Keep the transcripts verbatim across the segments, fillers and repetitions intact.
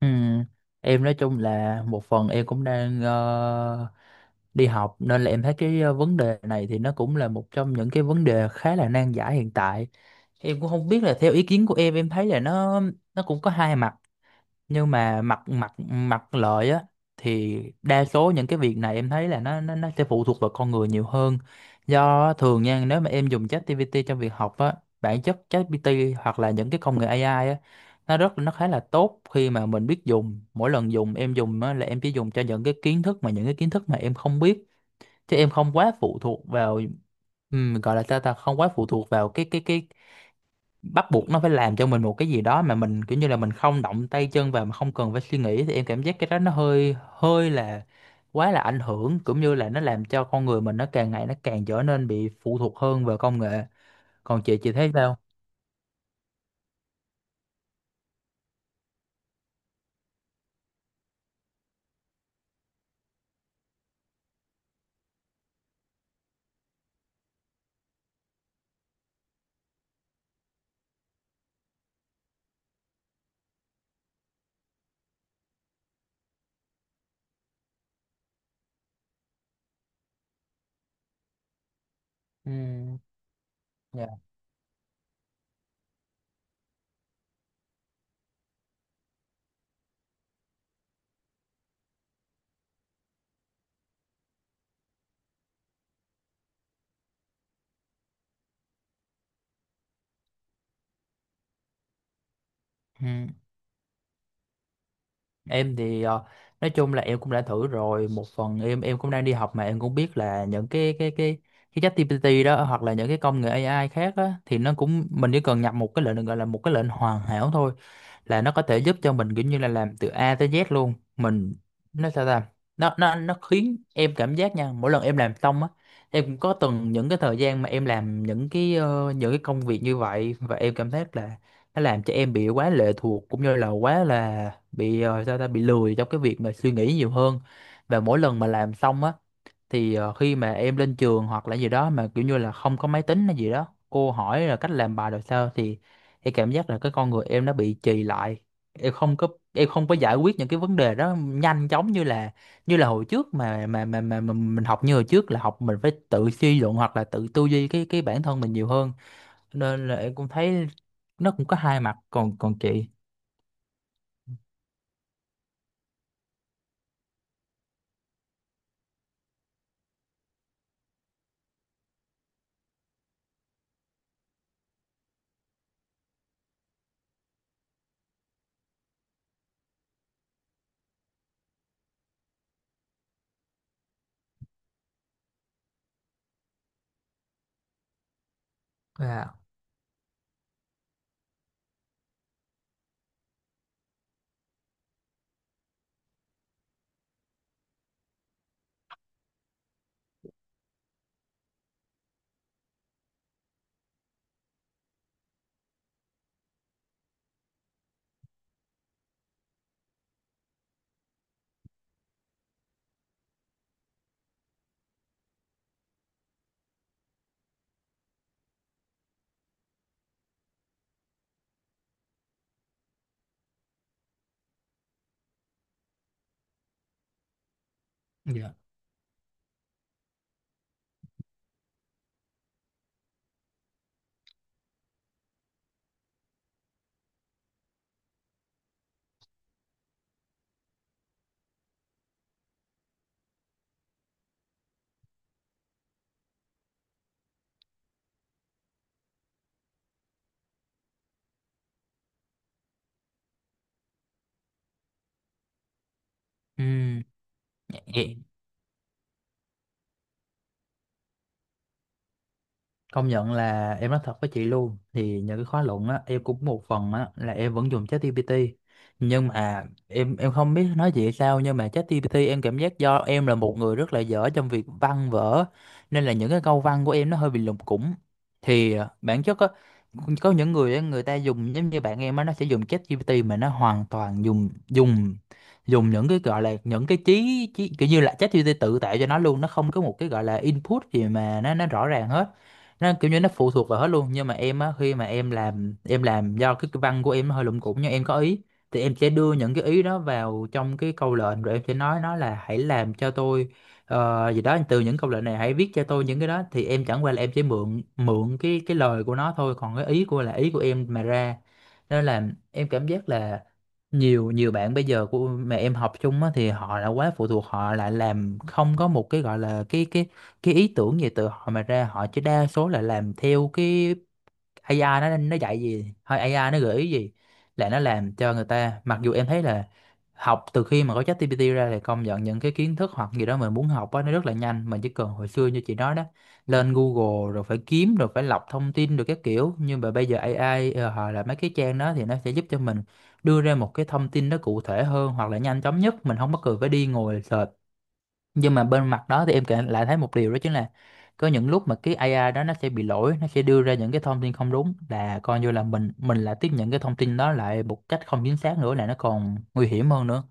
Ừ. Em nói chung là một phần em cũng đang ờ, đi học nên là em thấy cái ờ, vấn đề này thì nó cũng là một trong những cái vấn đề khá là nan giải hiện tại. Em cũng không biết là theo ý kiến của em em thấy là nó nó cũng có hai mặt, nhưng mà mặt mặt mặt lợi á thì đa số những cái việc này em thấy là nó nó nó sẽ phụ thuộc vào con người nhiều hơn. Do thường nha, nếu mà em dùng ChatGPT trong việc học á, bản chất ChatGPT hoặc là những cái công nghệ a i á, nó rất nó khá là tốt khi mà mình biết dùng. Mỗi lần dùng em dùng á, là em chỉ dùng cho những cái kiến thức mà những cái kiến thức mà em không biết, chứ em không quá phụ thuộc vào ừm, gọi là sao ta, không quá phụ thuộc vào cái cái cái bắt buộc nó phải làm cho mình một cái gì đó mà mình kiểu như là mình không động tay chân vào, mà không cần phải suy nghĩ. Thì em cảm giác cái đó nó hơi hơi là quá là ảnh hưởng, cũng như là nó làm cho con người mình nó càng ngày nó càng trở nên bị phụ thuộc hơn vào công nghệ. Còn chị chị thấy sao? Ừ. Dạ. Ừ. Em thì ờ, nói chung là em cũng đã thử rồi. Một phần em em cũng đang đi học mà, em cũng biết là những cái cái cái cái ChatGPT đó hoặc là những cái công nghệ ây ai khác á, thì nó cũng mình chỉ cần nhập một cái lệnh gọi là một cái lệnh hoàn hảo thôi là nó có thể giúp cho mình kiểu như là làm từ a tới zét luôn. Mình, nó sao ta, nó nó nó khiến em cảm giác nha, mỗi lần em làm xong á, em cũng có từng những cái thời gian mà em làm những cái ờ, những cái công việc như vậy, và em cảm giác là nó làm cho em bị quá lệ thuộc cũng như là quá là bị ờ, sao ta bị lười trong cái việc mà suy nghĩ nhiều hơn. Và mỗi lần mà làm xong á thì ờ, khi mà em lên trường hoặc là gì đó mà kiểu như là không có máy tính hay gì đó, cô hỏi là cách làm bài rồi sao, thì em cảm giác là cái con người em nó bị trì lại. Em không có em không có giải quyết những cái vấn đề đó nhanh chóng như là như là hồi trước. Mà mà mà mà, mà mình học như hồi trước là học mình phải tự suy luận hoặc là tự tư duy cái cái bản thân mình nhiều hơn. Nên là em cũng thấy nó cũng có hai mặt. Còn còn chị? À, dạ. ừ, Công nhận là em nói thật với chị luôn, thì những cái khóa luận á em cũng một phần á là em vẫn dùng ChatGPT. Nhưng mà em em không biết nói chị sao, nhưng mà ChatGPT em cảm giác, do em là một người rất là dở trong việc văn vở, nên là những cái câu văn của em nó hơi bị lủng củng. Thì à, bản chất á, có những người á, người ta dùng giống như bạn em á, nó sẽ dùng ChatGPT mà nó hoàn toàn dùng dùng dùng những cái gọi là những cái trí, trí kiểu như là ChatGPT tự tạo cho nó luôn, nó không có một cái gọi là input gì mà nó nó rõ ràng hết. Nó kiểu như nó phụ thuộc vào hết luôn. Nhưng mà em á, khi mà em làm em làm do cái cái văn của em nó hơi lủng củng nhưng em có ý, thì em sẽ đưa những cái ý đó vào trong cái câu lệnh rồi em sẽ nói nó là hãy làm cho tôi ờ, gì đó, từ những câu lệnh này hãy viết cho tôi những cái đó. Thì em chẳng qua là em chỉ mượn mượn cái cái lời của nó thôi, còn cái ý của là ý của em mà ra. Nên là em cảm giác là nhiều nhiều bạn bây giờ của mà em học chung á, thì họ đã quá phụ thuộc, họ lại làm không có một cái gọi là cái cái cái ý tưởng về từ họ mà ra, họ chỉ đa số là làm theo cái a i nó nó dạy gì hay a i nó gợi ý gì, là nó làm cho người ta. Mặc dù em thấy là học từ khi mà có ChatGPT ra thì công nhận những cái kiến thức hoặc gì đó mình muốn học á nó rất là nhanh, mình chỉ cần hồi xưa như chị nói đó, lên Google rồi phải kiếm rồi phải lọc thông tin rồi các kiểu, nhưng mà bây giờ a i ờ, họ là mấy cái trang đó thì nó sẽ giúp cho mình đưa ra một cái thông tin nó cụ thể hơn hoặc là nhanh chóng nhất, mình không có cần phải đi ngồi search. Nhưng mà bên mặt đó thì em kể lại thấy một điều đó chính là có những lúc mà cái a i đó nó sẽ bị lỗi, nó sẽ đưa ra những cái thông tin không đúng, là coi như là mình mình là tiếp nhận cái thông tin đó lại một cách không chính xác, nữa là nó còn nguy hiểm hơn nữa.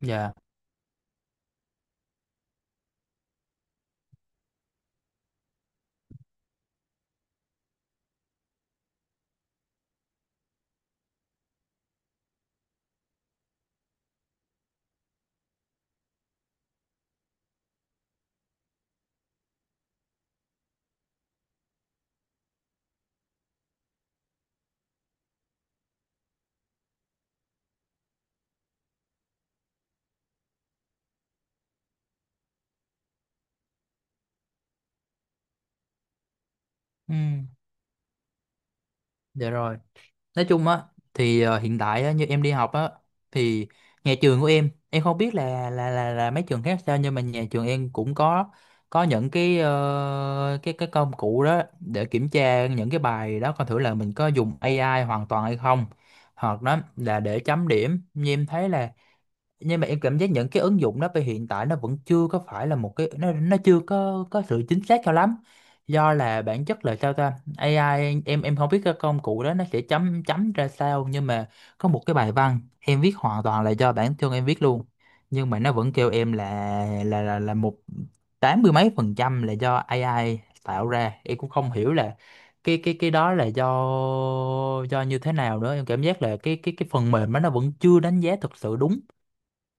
Dạ. Ừ. Dạ rồi. Nói chung á, thì ờ, hiện tại á, như em đi học á, thì nhà trường của em em không biết là là là là mấy trường khác sao, nhưng mà nhà trường em cũng có có những cái ờ, cái cái công cụ đó để kiểm tra những cái bài đó, coi thử là mình có dùng a i hoàn toàn hay không, hoặc đó là để chấm điểm, như em thấy là. Nhưng mà em cảm giác những cái ứng dụng đó về hiện tại nó vẫn chưa có phải là một cái, nó nó chưa có có sự chính xác cho lắm. Do là bản chất là sao ta, a i, em em không biết cái công cụ đó nó sẽ chấm chấm ra sao, nhưng mà có một cái bài văn em viết hoàn toàn là do bản thân em viết luôn, nhưng mà nó vẫn kêu em là là là, là một tám mươi mấy phần trăm là do a i tạo ra. Em cũng không hiểu là cái cái cái đó là do do như thế nào nữa. Em cảm giác là cái cái cái phần mềm đó nó vẫn chưa đánh giá thực sự đúng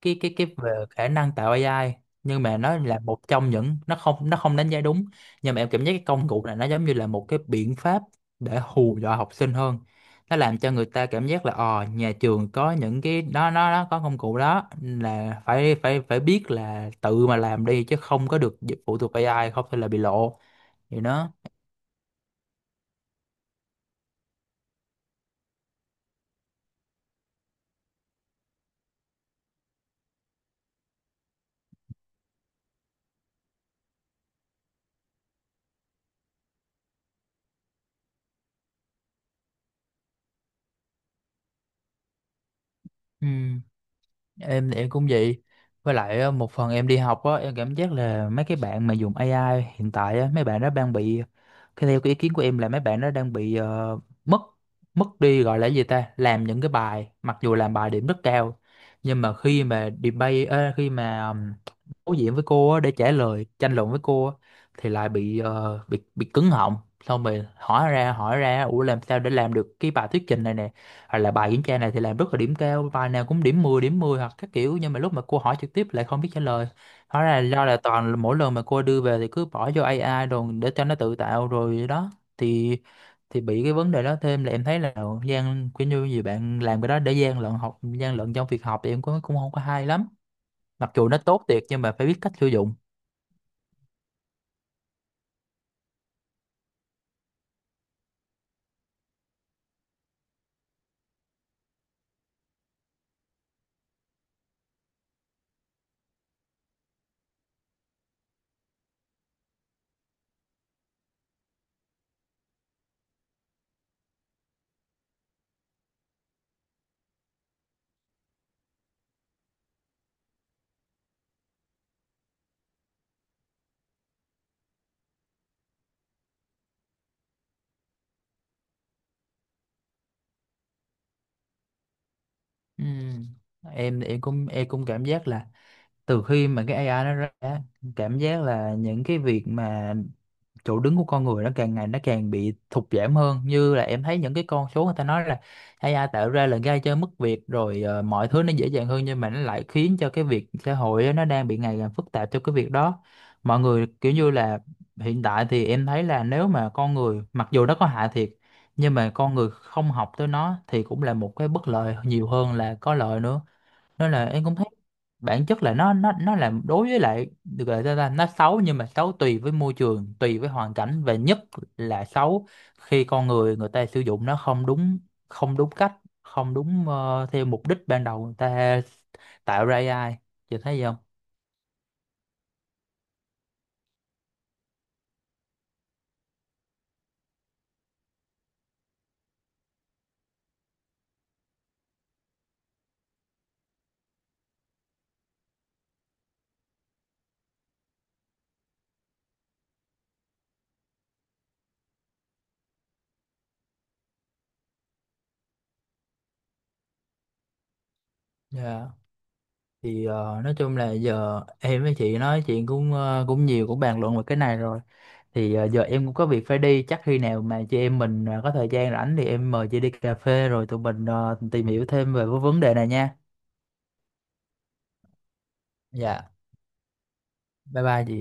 cái cái cái về khả năng tạo a i, nhưng mà nó là một trong những, nó không nó không đánh giá đúng. Nhưng mà em cảm giác cái công cụ này nó giống như là một cái biện pháp để hù dọa học sinh hơn, nó làm cho người ta cảm giác là, ờ, nhà trường có những cái đó, nó nó có công cụ đó, là phải phải phải biết là tự mà làm đi chứ không có được phụ thuộc a i, không thì là bị lộ vậy đó. Ừ. Em thì em cũng vậy. Với lại á, một phần em đi học á, em cảm giác là mấy cái bạn mà dùng a i hiện tại á, mấy bạn đó đang bị cái, theo cái ý kiến của em là mấy bạn đó đang bị ờ, mất mất đi gọi là cái gì ta, làm những cái bài mặc dù làm bài điểm rất cao, nhưng mà khi mà debate, ờ, khi mà ừm, đối diện với cô á, để trả lời tranh luận với cô á, thì lại bị ờ, bị bị cứng họng. Xong rồi hỏi ra hỏi ra, ủa làm sao để làm được cái bài thuyết trình này nè, hoặc là bài kiểm tra này thì làm rất là điểm cao bài nào cũng điểm mười điểm mười hoặc các kiểu, nhưng mà lúc mà cô hỏi trực tiếp lại không biết trả lời. Hóa ra là do là toàn là mỗi lần mà cô đưa về thì cứ bỏ vô a i rồi để cho nó tự tạo rồi đó. Thì thì bị cái vấn đề đó. Thêm là em thấy là gian, kiểu như gì bạn làm cái đó để gian lận học, gian lận trong việc học, thì em cũng cũng không có hay lắm. Mặc dù nó tốt thiệt nhưng mà phải biết cách sử dụng. Ừm, em em cũng em cũng cảm giác là từ khi mà cái a i nó ra á, cảm giác là những cái việc mà chỗ đứng của con người nó càng ngày nó càng bị thụt giảm hơn. Như là em thấy những cái con số người ta nói là a i tạo ra là gây cho mất việc rồi, ờ, mọi thứ nó dễ dàng hơn, nhưng mà nó lại khiến cho cái việc xã hội á, nó đang bị ngày càng phức tạp cho cái việc đó. Mọi người kiểu như là, hiện tại thì em thấy là nếu mà con người mặc dù nó có hại thiệt, nhưng mà con người không học tới nó thì cũng là một cái bất lợi nhiều hơn là có lợi nữa. Nên là em cũng thấy bản chất là nó nó nó là đối với lại được gọi là ta, nó xấu, nhưng mà xấu tùy với môi trường, tùy với hoàn cảnh, và nhất là xấu khi con người người ta sử dụng nó không đúng, không đúng cách, không đúng ờ, theo mục đích ban đầu người ta tạo ra a i. Chị thấy không? Dạ. Thì ờ, nói chung là giờ em với chị nói chuyện cũng ờ, cũng nhiều, cũng bàn luận về cái này rồi, thì ờ, giờ em cũng có việc phải đi. Chắc khi nào mà chị em mình ờ, có thời gian rảnh thì em mời chị đi cà phê rồi tụi mình ờ, tìm hiểu thêm về cái vấn đề này nha. Dạ bye bye chị.